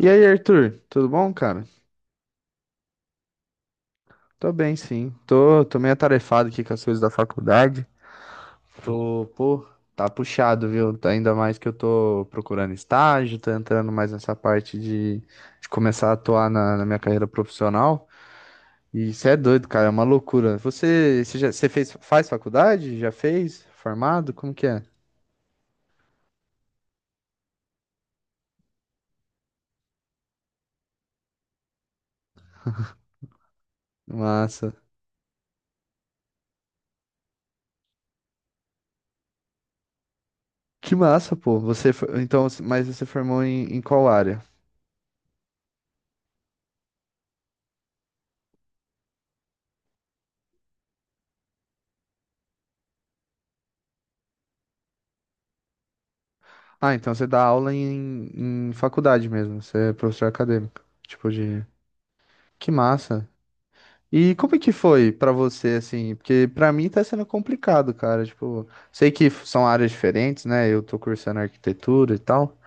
E aí, Arthur, tudo bom, cara? Tô bem, sim. Tô meio atarefado aqui com as coisas da faculdade. Tô, pô, tá puxado, viu? Tá. Ainda mais que eu tô procurando estágio, tô entrando mais nessa parte de começar a atuar na minha carreira profissional. E isso é doido, cara, é uma loucura. Você fez, faz faculdade? Já fez? Formado? Como que é? Massa. Que massa, pô. Então, mas você formou em qual área? Ah, então você dá aula em faculdade mesmo, você é professor acadêmico, tipo de... Que massa! E como é que foi pra você, assim? Porque pra mim tá sendo complicado, cara, tipo... São áreas diferentes, né? Eu tô cursando arquitetura e tal,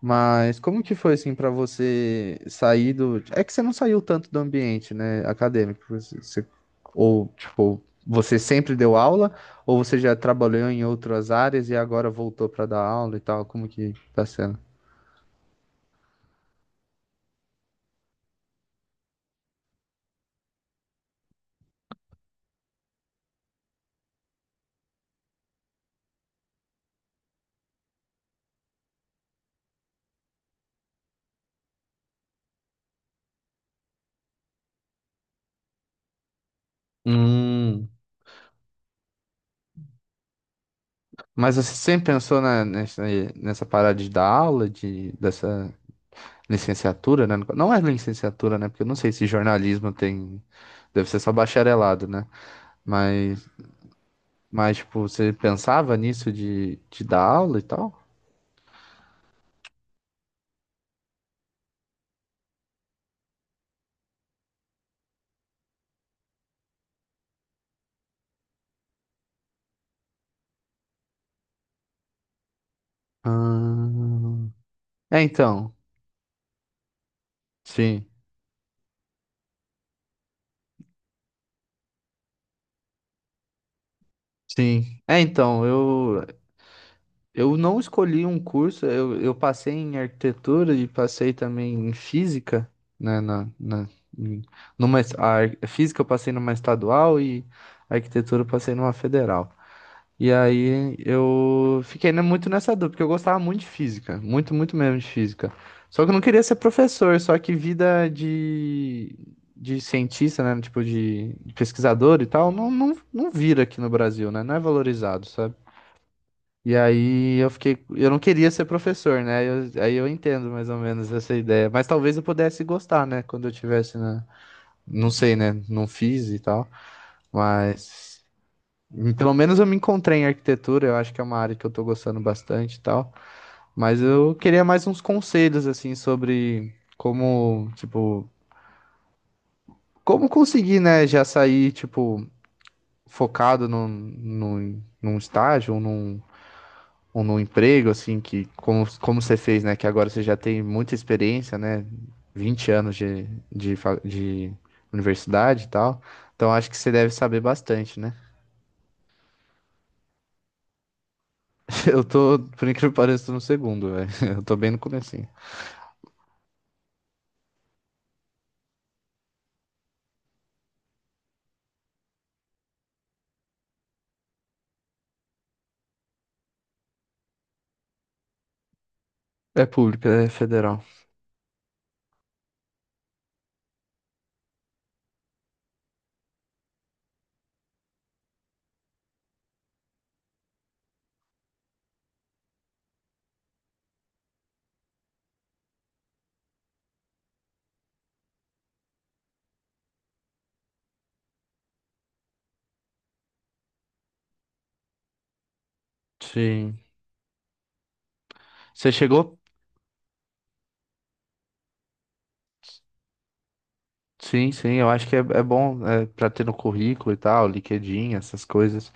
mas como que foi, assim, pra você sair do... É que você não saiu tanto do ambiente, né, acadêmico, você... Ou, tipo, você sempre deu aula, ou você já trabalhou em outras áreas e agora voltou pra dar aula e tal, como que tá sendo? Hum, mas você sempre pensou nessa, nessa parada de dar aula, de, dessa licenciatura, né? Não é licenciatura, né? Porque eu não sei se jornalismo tem. Deve ser só bacharelado, né? Mas, mas tipo, você pensava nisso de dar aula e tal? Ah, é, então. Sim, sim. É, então, eu. Eu não escolhi um curso, eu passei em arquitetura e passei também em física, né, na, na, em- numa, es- a ar- física eu passei numa estadual e a arquitetura eu passei numa federal. E aí eu fiquei, né, muito nessa dúvida, porque eu gostava muito de física, muito, muito mesmo de física. Só que eu não queria ser professor, só que vida de cientista, né, tipo de pesquisador e tal, não vira aqui no Brasil, né, não é valorizado, sabe? E aí eu fiquei, eu não queria ser professor, né? Aí eu entendo mais ou menos essa ideia. Mas talvez eu pudesse gostar, né? Quando eu tivesse na, não sei, né? Não fiz e tal. Mas pelo menos eu me encontrei em arquitetura. Eu acho que é uma área que eu tô gostando bastante e tal. Mas eu queria mais uns conselhos assim sobre como, tipo, como conseguir, né? Já sair tipo focado num estágio, ou num um no emprego, assim, que como, como você fez, né? Que agora você já tem muita experiência, né? 20 anos de universidade e tal. Então acho que você deve saber bastante, né? Eu tô, por incrível que pareça, tô no segundo, velho. Eu tô bem no comecinho. É pública, é federal. Sim. Você chegou. Sim, sim, eu acho que é, é bom é, para ter no currículo e tal, LinkedIn, essas coisas.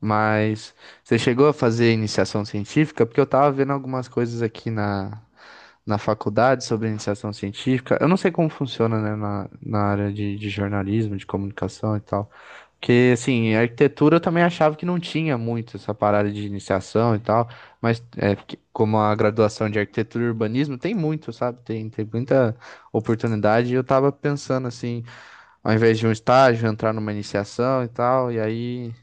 Mas você chegou a fazer iniciação científica? Porque eu tava vendo algumas coisas aqui na faculdade sobre iniciação científica. Eu não sei como funciona, né, na área de jornalismo, de comunicação e tal. Porque, assim, em arquitetura eu também achava que não tinha muito essa parada de iniciação e tal, mas é, porque como a graduação de arquitetura e urbanismo tem muito, sabe? Tem muita oportunidade, e eu tava pensando assim, ao invés de um estágio, entrar numa iniciação e tal, e aí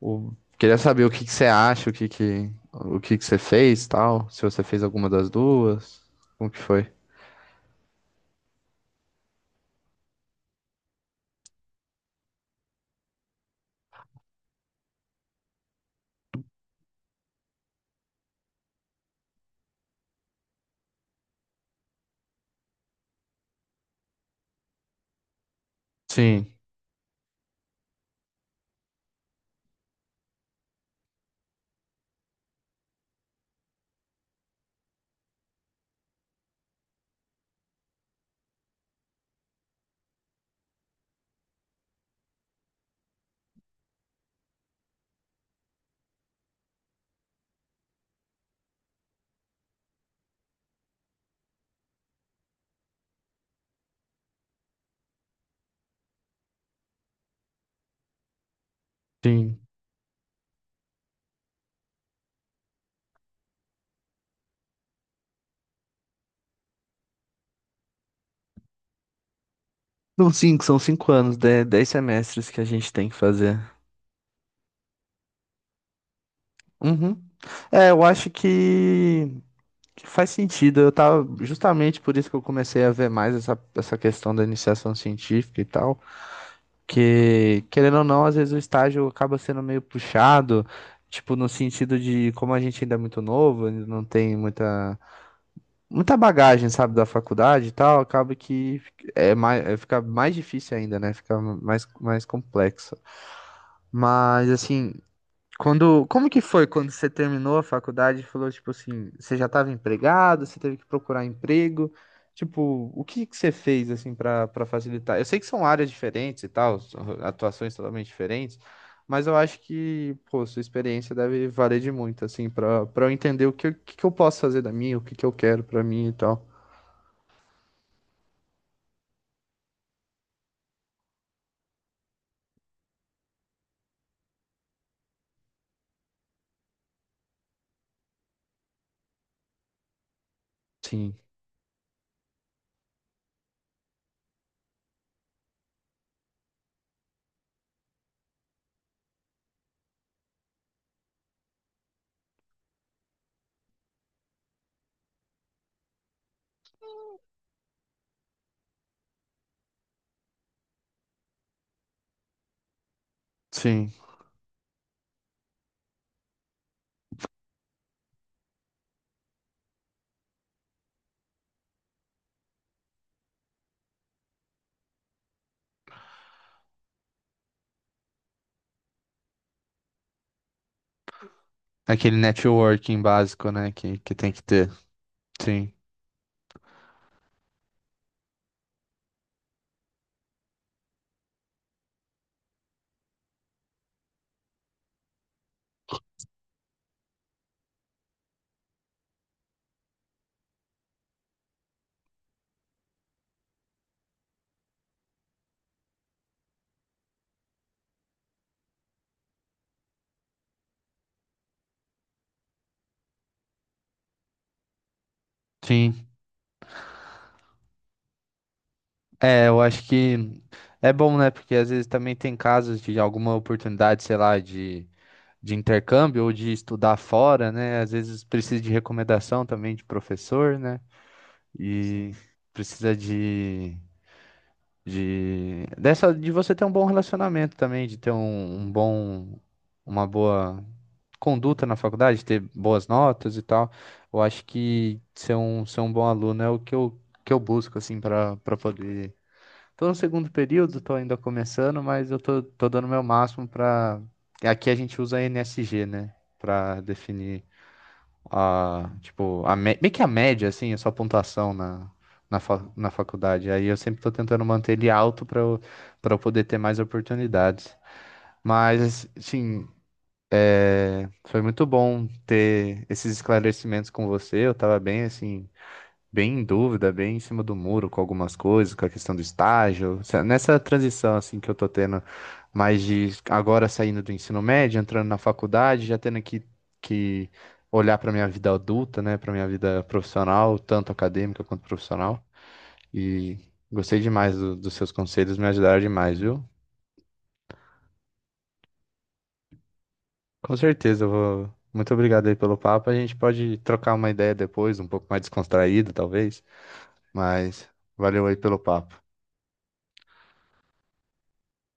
o- queria saber o que que você acha, o que que você fez, e tal, se você fez alguma das duas, como que foi? Sim, sim. São cinco anos, dez semestres que a gente tem que fazer. Uhum. É, eu acho que faz sentido. Eu tava justamente por isso que eu comecei a ver mais essa, essa questão da iniciação científica e tal. Porque, querendo ou não, às vezes o estágio acaba sendo meio puxado, tipo, no sentido de como a gente ainda é muito novo, ainda não tem muita, muita bagagem, sabe, da faculdade e tal, acaba que é mais, é, fica mais difícil ainda, né? Fica mais, mais complexo. Mas, assim, quando, como que foi quando você terminou a faculdade e falou, tipo assim, você já estava empregado, você teve que procurar emprego? Tipo, o que que você fez, assim, para facilitar? Eu sei que são áreas diferentes e tal, são atuações totalmente diferentes, mas eu acho que, pô, sua experiência deve valer de muito, assim, para eu entender o que que eu posso fazer da minha, o que que eu quero pra mim e tal. Sim, sim. Aquele networking básico, né, que tem que ter. Sim, sim. É, eu acho que é bom, né? Porque às vezes também tem casos de alguma oportunidade, sei lá, de intercâmbio ou de estudar fora, né? Às vezes precisa de recomendação também de professor, né? E precisa de dessa de você ter um bom relacionamento também, de ter um, um bom, uma boa conduta na faculdade, ter boas notas e tal. Eu acho que ser um bom aluno é o que que eu busco, assim, para poder. Tô no segundo período, tô ainda começando, mas eu tô, tô dando meu máximo pra. Aqui a gente usa NSG, né? Pra definir a, tipo, meio que a média, assim, a sua pontuação na, na faculdade. Aí eu sempre tô tentando manter ele alto pra eu poder ter mais oportunidades. Mas, assim, é, foi muito bom ter esses esclarecimentos com você. Eu tava bem, assim, bem em dúvida, bem em cima do muro com algumas coisas, com a questão do estágio. Nessa transição assim que eu tô tendo, mais de agora saindo do ensino médio, entrando na faculdade, já tendo que olhar para minha vida adulta, né, para minha vida profissional, tanto acadêmica quanto profissional. E gostei demais dos seus conselhos, me ajudaram demais, viu? Com certeza, eu vou. Muito obrigado aí pelo papo. A gente pode trocar uma ideia depois, um pouco mais descontraído, talvez. Mas valeu aí pelo papo.